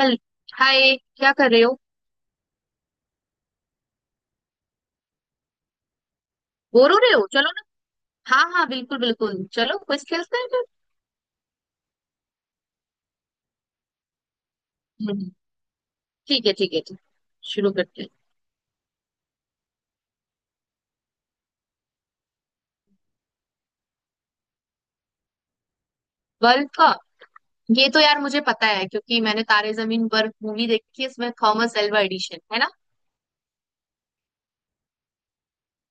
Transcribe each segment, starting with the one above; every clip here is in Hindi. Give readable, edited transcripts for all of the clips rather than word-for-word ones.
चल। हाय, क्या कर रहे हो? बोर हो रहे हो? चलो ना। हाँ हाँ, बिल्कुल बिल्कुल, चलो क्विज खेलते हैं फिर। हम्म, ठीक है ठीक है ठीक। शुरू करते हैं। World cup. ये तो यार मुझे पता है क्योंकि मैंने तारे जमीन पर मूवी देखी है। इसमें थॉमस एल्वा एडिशन है ना।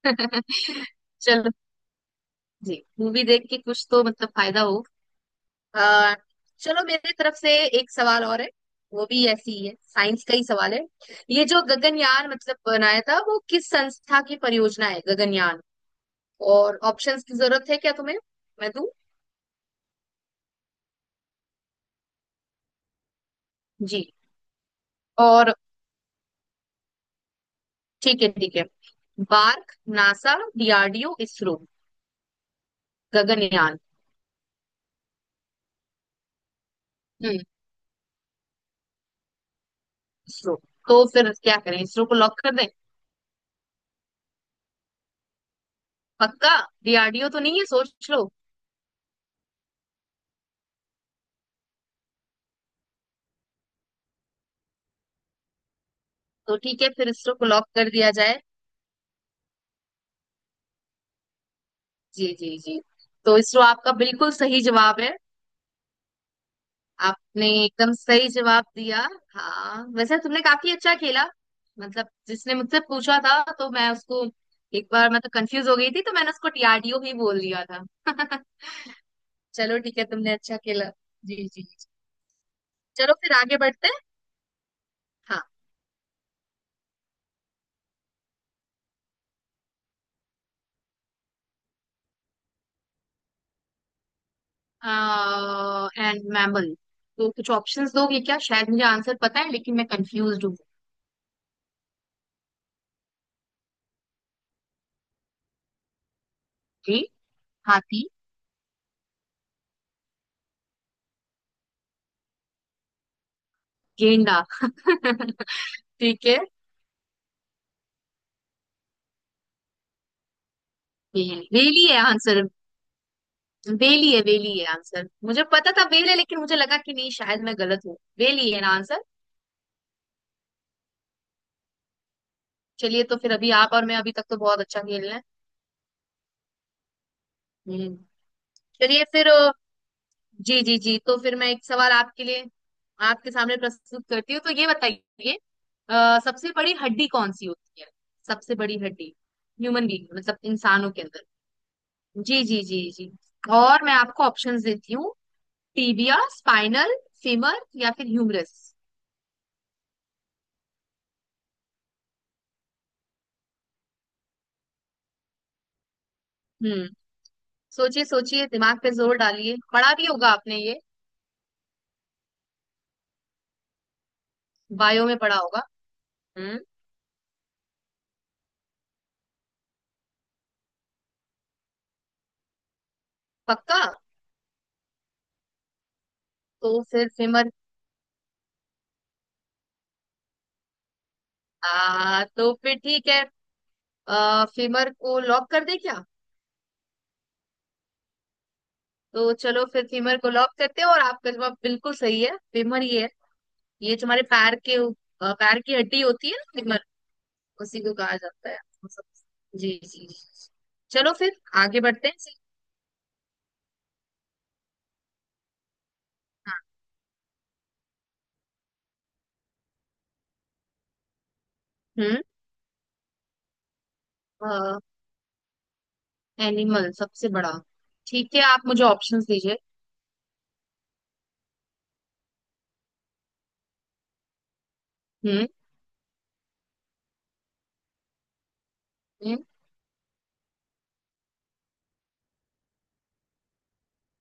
चलो, जी मूवी देख के कुछ तो मतलब फायदा हो। आ, चलो, मेरी तरफ से एक सवाल और है। वो भी ऐसी ही है, साइंस का ही सवाल है। ये जो गगनयान मतलब बनाया था, वो किस संस्था की परियोजना है, गगनयान? और ऑप्शंस की जरूरत है क्या तुम्हें? मैं दूं? जी। और ठीक है ठीक है। BARC, NASA, DRDO, ISRO. Gaganyaan. हम्म इसरो। तो फिर क्या करें, इसरो को लॉक कर दें? पक्का? डीआरडीओ तो नहीं है, सोच लो। तो ठीक है, फिर इसरो को लॉक कर दिया जाए। जी जी जी। तो इसरो आपका बिल्कुल सही जवाब है। आपने एकदम सही जवाब दिया। हाँ, वैसे तुमने काफी अच्छा खेला। मतलब जिसने मुझसे पूछा था तो मैं उसको एक बार मतलब कंफ्यूज हो गई थी, तो मैंने उसको टीआरडीओ ही बोल दिया था। चलो ठीक है, तुमने अच्छा खेला। जी जी जी। चलो फिर आगे बढ़ते हैं। हाँ, एंड मैमल, तो कुछ ऑप्शंस दोगे क्या? शायद मुझे आंसर पता है लेकिन मैं कंफ्यूज हूँ। जी। हाथी। गेंडा। ठीक है। ये रेली है आंसर? वेली है, वेली है आंसर। मुझे पता था वेल है, लेकिन मुझे लगा कि नहीं शायद मैं गलत हूँ। वेली है ना आंसर? चलिए, तो फिर अभी आप और मैं अभी तक तो बहुत अच्छा खेल रहे हैं। हम्म चलिए फिर जी जी जी। तो फिर मैं एक सवाल आपके लिए आपके सामने प्रस्तुत करती हूँ। तो ये बताइए, सबसे बड़ी हड्डी कौन सी होती है? सबसे बड़ी हड्डी, ह्यूमन बींग मतलब इंसानों के अंदर। जी जी जी जी। और मैं आपको ऑप्शंस देती हूँ। टीबिया, स्पाइनल, फीमर, या फिर ह्यूमरस। हम्म सोचिए सोचिए, दिमाग पे जोर डालिए, पढ़ा भी होगा आपने ये। बायो में पढ़ा होगा। हम्म पक्का? तो फिर फेमर। आ, तो फिर ठीक है। फेमर को लॉक कर दे क्या? तो चलो फिर फेमर को लॉक करते हैं, और आपका जवाब बिल्कुल सही है। फेमर ये है, ये जो हमारे पैर के उ- पैर की हड्डी होती है ना, फेमर, उसी को कहा जाता है। जी जी जी। चलो फिर आगे बढ़ते हैं जी। हाँ। हम्म एनिमल सबसे बड़ा। ठीक है, आप मुझे ऑप्शंस दीजिए। हम्म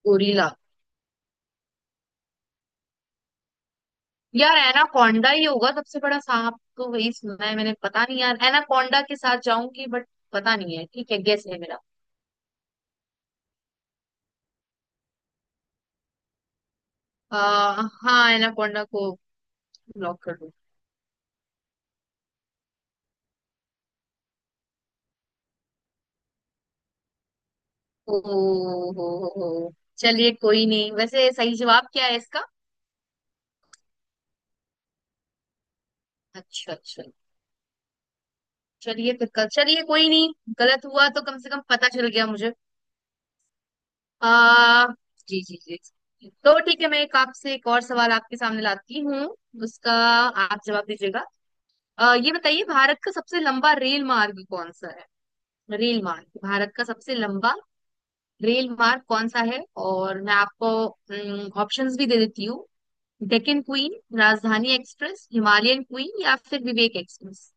गोरिल्ला। यार एनाकोंडा ही होगा सबसे बड़ा, सांप तो वही सुना है मैंने, पता नहीं यार, एनाकोंडा के साथ जाऊंगी बट पता नहीं है ठीक है, गेस है मेरा। हाँ, एनाकोंडा को लॉक कर दो। ओ हो हो। चलिए कोई नहीं, वैसे सही जवाब क्या है इसका? अच्छा अच्छा। चलिए फिर, कल चलिए कोई नहीं, गलत हुआ तो कम से कम पता चल गया मुझे। आ, जी जी जी। तो ठीक है, मैं एक आपसे एक और सवाल आपके सामने लाती हूँ, उसका आप जवाब दीजिएगा। ये बताइए, भारत का सबसे लंबा रेल मार्ग कौन सा है? रेल मार्ग, भारत का सबसे लंबा रेल मार्ग कौन सा है? और मैं आपको ऑप्शंस भी दे देती हूँ। Deccan queen, Rajdhani express, Himalayan queen, या फिर विवेक एक्सप्रेस।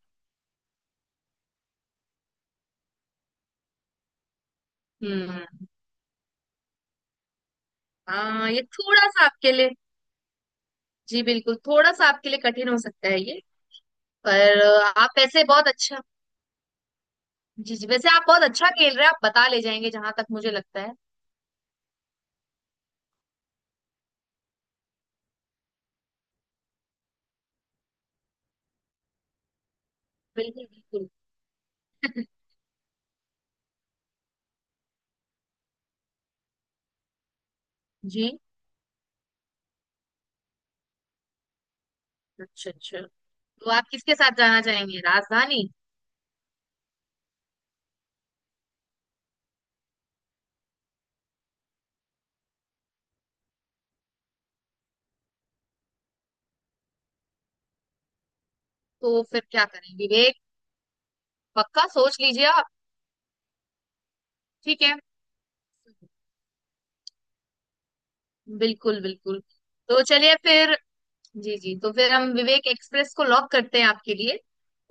हम्म ये थोड़ा सा आपके लिए, जी बिल्कुल, थोड़ा सा आपके लिए कठिन हो सकता है ये। पर आप वैसे बहुत अच्छा, जी जी वैसे आप बहुत अच्छा खेल रहे हैं, आप बता ले जाएंगे जहां तक मुझे लगता है। बिल्कुल बिल्कुल। जी। अच्छा अच्छा। तो आप किसके साथ जाना चाहेंगे, राजधानी? तो फिर क्या करें, विवेक? पक्का? सोच लीजिए आप। ठीक है। बिल्कुल बिल्कुल। तो चलिए फिर, जी जी तो फिर हम विवेक एक्सप्रेस को लॉक करते हैं आपके लिए,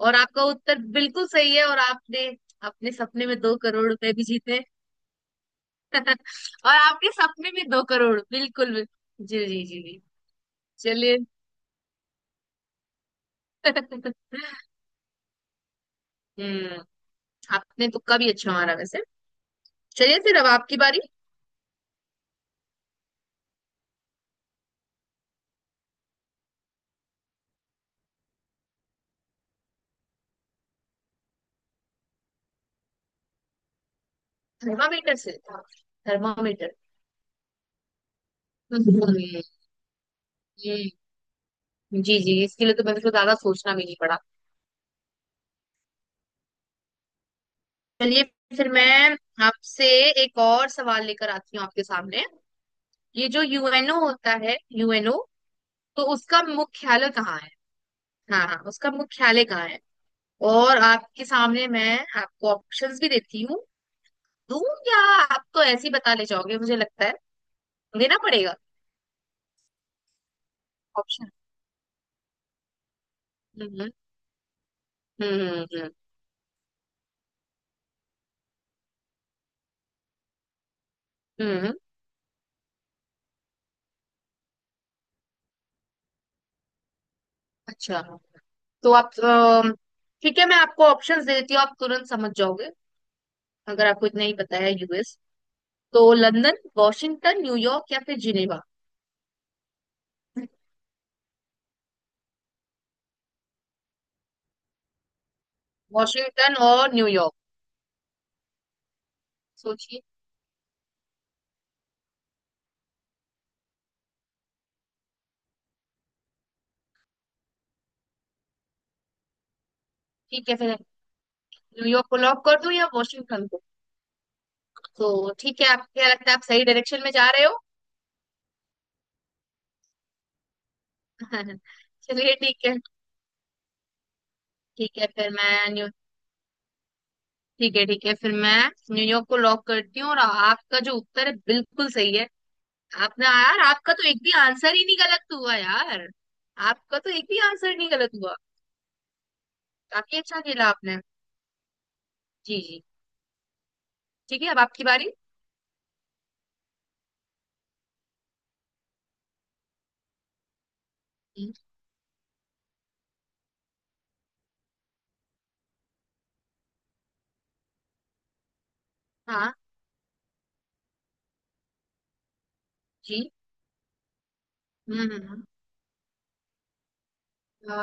और आपका उत्तर बिल्कुल सही है। और आपने अपने सपने में दो करोड़ रुपए भी जीते। और आपके सपने में दो करोड़ बिल्कुल बिल-, जी जी जी जी। चलिए। हम्म आपने तुक्का भी अच्छा मारा वैसे। चलिए फिर, अब आपकी बारी। थर्मामीटर से। थर्मामीटर। हम्म, हम्म, जी जी, इसके लिए तो मैंने को ज्यादा सोचना भी नहीं पड़ा। चलिए, फिर मैं आपसे एक और सवाल लेकर आती हूँ आपके सामने। ये जो यूएनओ होता है, यूएनओ, तो उसका मुख्यालय कहाँ है? हाँ हाँ, उसका मुख्यालय कहाँ है? और आपके सामने मैं आपको ऑप्शंस भी देती हूँ। दूं? या आप तो ऐसे ही बता ले जाओगे मुझे लगता है, देना पड़ेगा ऑप्शन। हम्म हम्म हम्म हम्म हम्म, अच्छा। तो आप ठीक है, मैं आपको ऑप्शंस दे देती हूँ, आप तुरंत समझ जाओगे। अगर आपको इतना ही पता है यूएस, तो लंदन, वॉशिंगटन, न्यूयॉर्क, या फिर जिनेवा। वॉशिंगटन और न्यूयॉर्क? सोचिए। ठीक है फिर, न्यूयॉर्क को लॉक कर दूं या वॉशिंगटन को? तो ठीक है, आप क्या लगता है, आप सही डायरेक्शन में जा रहे हो। चलिए ठीक है। ठीक है फिर मैं न्यू ठीक है ठीक है, फिर मैं न्यूयॉर्क को लॉक करती हूँ, और आपका जो उत्तर है बिल्कुल सही है। आपने यार, आपका तो एक भी आंसर ही नहीं गलत हुआ यार। आपका तो एक भी आंसर नहीं गलत हुआ। काफी अच्छा खेला आपने। जी जी। ठीक है, अब आपकी बारी। जी। हाँ। जी। हम्म हम्म, हम्म। अ,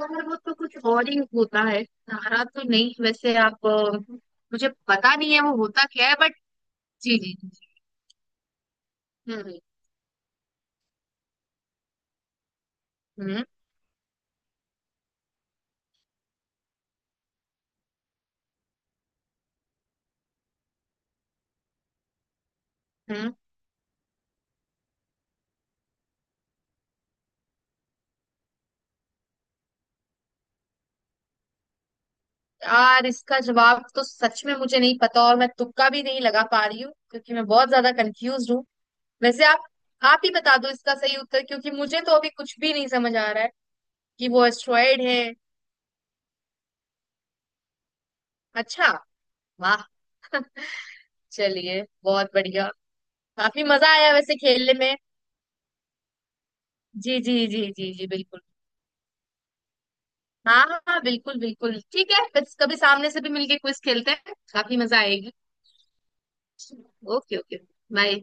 थोड़ा बहुत तो कुछ और ही होता है, सारा तो नहीं, वैसे आप, मुझे पता नहीं है वो होता क्या है बट। जी जी जी। हम्म हम्म हम्म यार इसका जवाब तो सच में मुझे नहीं पता, और मैं तुक्का भी नहीं लगा पा रही हूँ क्योंकि मैं बहुत ज्यादा कंफ्यूज हूँ। वैसे आप ही बता दो इसका सही उत्तर, क्योंकि मुझे तो अभी कुछ भी नहीं समझ आ रहा है। कि वो एस्ट्रॉयड है? अच्छा, वाह। चलिए, बहुत बढ़िया, काफी मजा आया वैसे खेलने में। जी जी जी जी जी बिल्कुल। हाँ हाँ हाँ, बिल्कुल बिल्कुल ठीक है, कभी कभी सामने से भी मिलके क्विज खेलते हैं, काफी मजा आएगी। Okay okay. बाय।